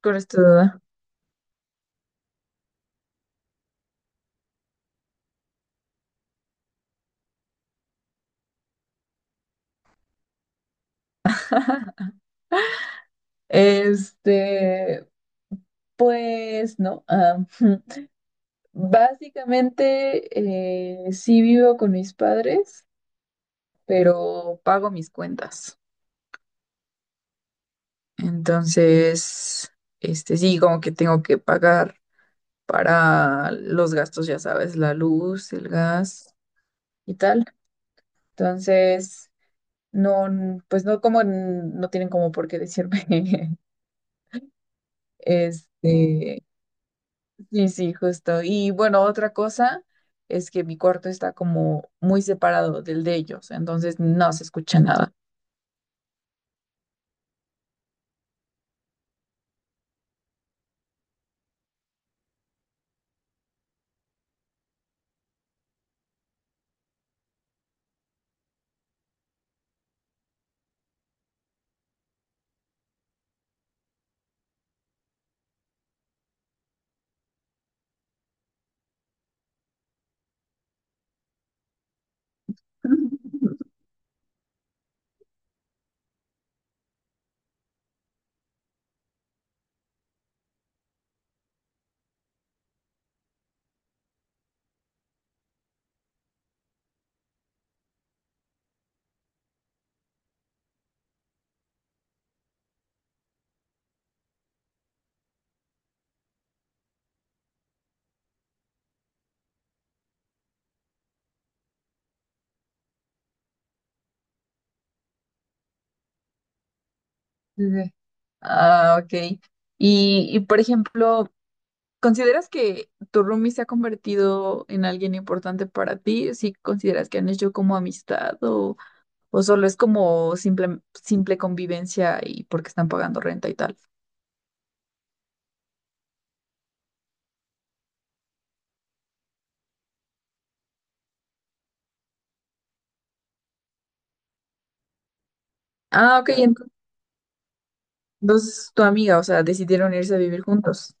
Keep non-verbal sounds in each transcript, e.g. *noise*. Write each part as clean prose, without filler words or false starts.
Duda *laughs* Este, pues no. *laughs* Básicamente, sí vivo con mis padres, pero pago mis cuentas. Entonces, sí, como que tengo que pagar para los gastos, ya sabes, la luz, el gas y tal. Entonces, no, pues no como, no tienen como por qué decirme, *laughs* este, Sí, sí, justo. Y bueno, otra cosa es que mi cuarto está como muy separado del de ellos, entonces no se escucha nada. *laughs* Ujú. Ah, ok. Y por ejemplo, ¿consideras que tu roomie se ha convertido en alguien importante para ti? ¿Sí consideras que han hecho como amistad o solo es como simple, simple convivencia y porque están pagando renta y tal? Ah, ok. Entonces, tu amiga, o sea, decidieron irse a vivir juntos.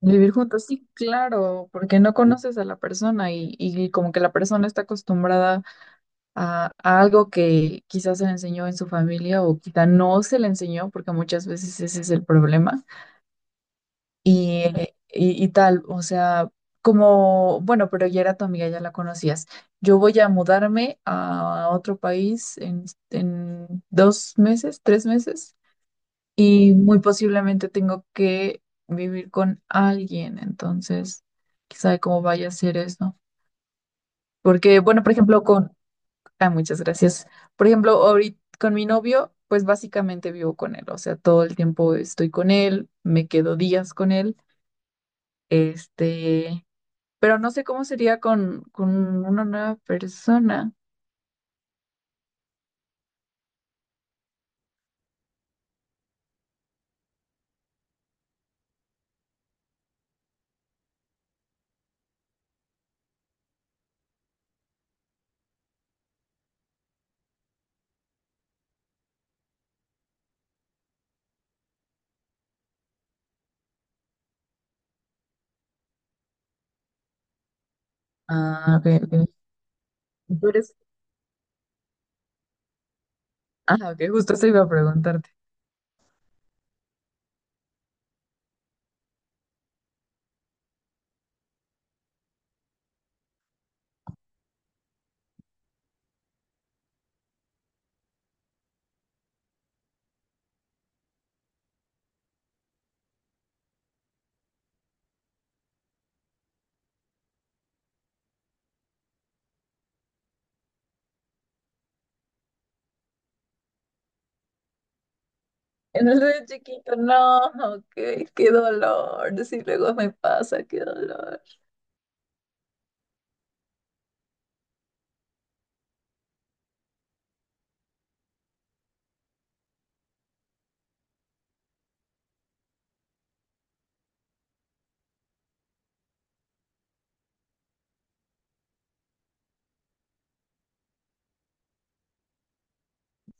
Vivir juntos, sí, claro, porque no conoces a la persona y como que la persona está acostumbrada a algo que quizás se le enseñó en su familia o quizá no se le enseñó, porque muchas veces ese es el problema. Y, y tal, o sea, como, bueno, pero ya era tu amiga, ya la conocías. Yo voy a mudarme a otro país en dos meses, tres meses y muy posiblemente tengo que vivir con alguien, entonces, quién sabe cómo vaya a ser eso. Porque, bueno, por ejemplo, con... Ah, muchas gracias. Por ejemplo, ahorita con mi novio, pues básicamente vivo con él, o sea, todo el tiempo estoy con él, me quedo días con él, este, pero no sé cómo sería con una nueva persona. Ah, ok, ok. Tú eres... Ah, ok, justo eso iba a preguntar. Entonces, chiquito, no, qué, qué dolor. Si luego me pasa, qué dolor.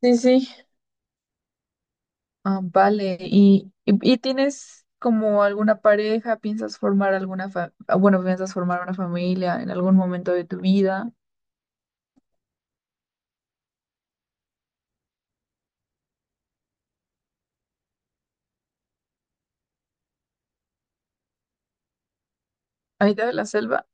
Sí, sí. Ah, vale. ¿Y tienes como alguna pareja? ¿Piensas formar alguna fa- ah, bueno, piensas formar una familia en algún momento de tu vida? ¿A mitad de la selva?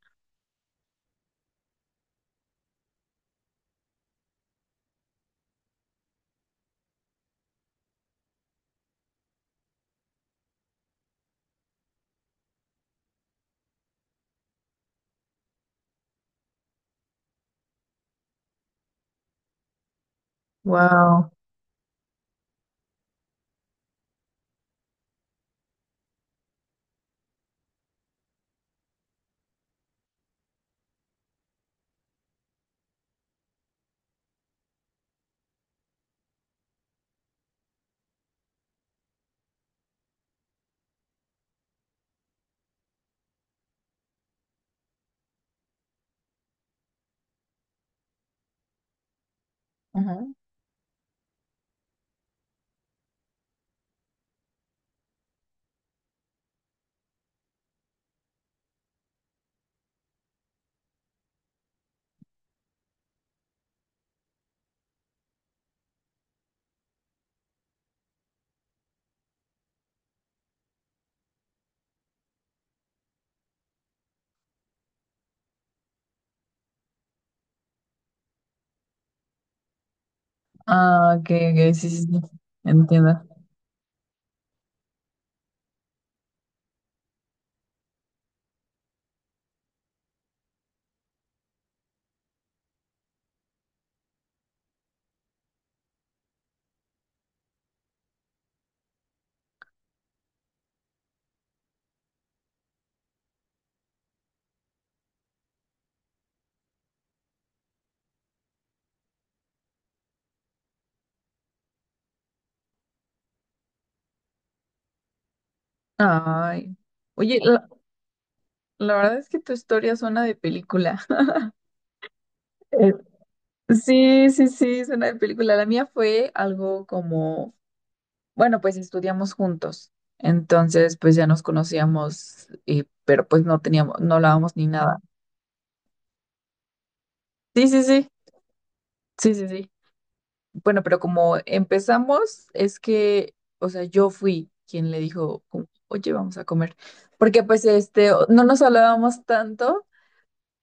Wow. Ajá. Ah, ok, ok, sí, sí, sí. Entiendo. Ay. Oye, la verdad es que tu historia suena de película. *laughs* Eh, Sí, sí, sí, suena de película. La mía fue algo como: bueno, pues estudiamos juntos. Entonces, pues ya nos conocíamos, pero pues no teníamos, no hablábamos ni nada. Sí, sí, sí, sí, sí, sí. Bueno, pero como empezamos, es que, o sea, yo fui quien le dijo, como, oye, vamos a comer. Porque pues este, o- no nos hablábamos tanto,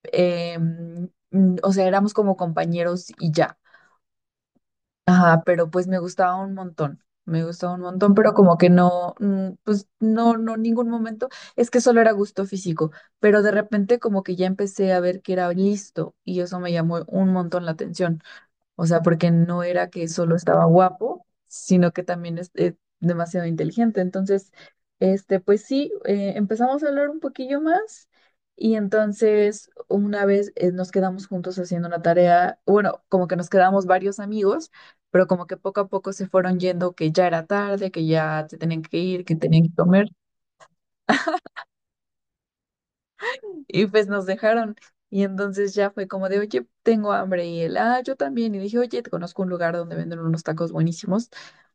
o sea, éramos como compañeros y ya. Ajá, pero pues me gustaba un montón, me gustaba un montón, pero como que no, pues no, no, ningún momento, es que solo era gusto físico, pero de repente como que ya empecé a ver que era listo y eso me llamó un montón la atención. O sea, porque no era que solo estaba guapo, sino que también es, demasiado inteligente. Entonces, pues sí, empezamos a hablar un poquillo más y entonces una vez nos quedamos juntos haciendo una tarea, bueno, como que nos quedamos varios amigos, pero como que poco a poco se fueron yendo que ya era tarde, que ya se tenían que ir, que tenían que comer. Y pues nos dejaron. Y entonces ya fue como de, oye, tengo hambre. Y él, ah, yo también. Y dije, oye, te conozco un lugar donde venden unos tacos buenísimos.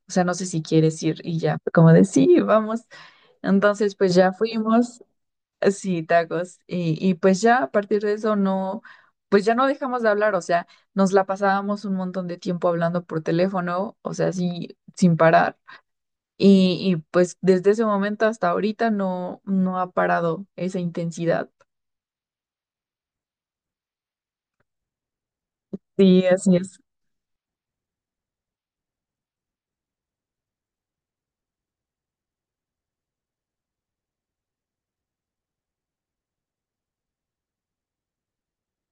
O sea, no sé si quieres ir. Y ya fue como de, sí, vamos. Entonces, pues ya fuimos. Sí, tacos. Y pues ya a partir de eso no, pues ya no dejamos de hablar. O sea, nos la pasábamos un montón de tiempo hablando por teléfono. O sea, sí sin parar. Y pues desde ese momento hasta ahorita no, no ha parado esa intensidad. Sí, así es.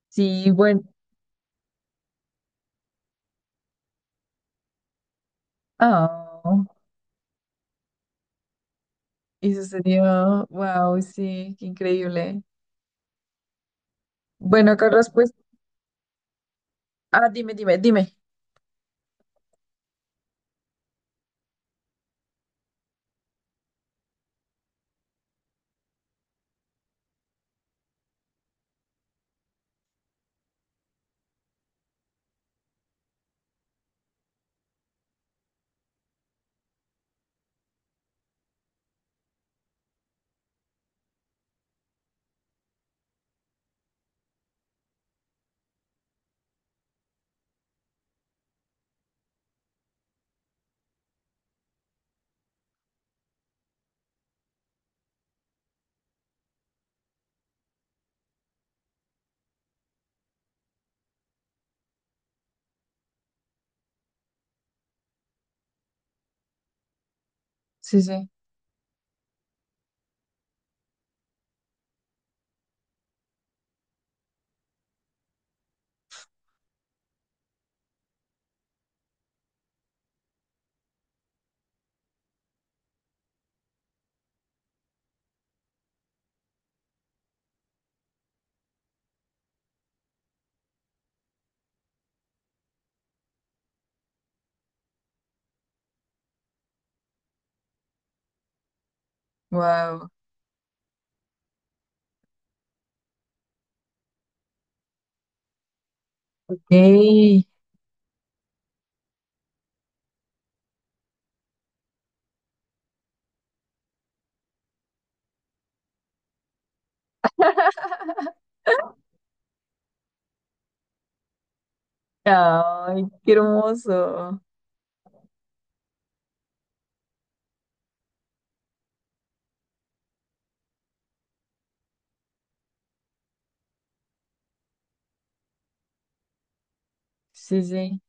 Sí, bueno, ah, eso sería, wow, sí, qué increíble. Bueno, Carlos, pues, ah, dime, dime, dime. Sí, sí, wow, ok, ay, qué hermoso. Sí, sí.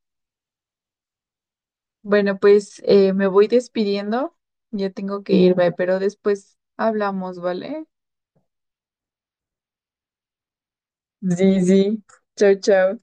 Bueno, pues me voy despidiendo, ya tengo que irme, pero después hablamos, ¿vale? Sí, sí, chao, chao.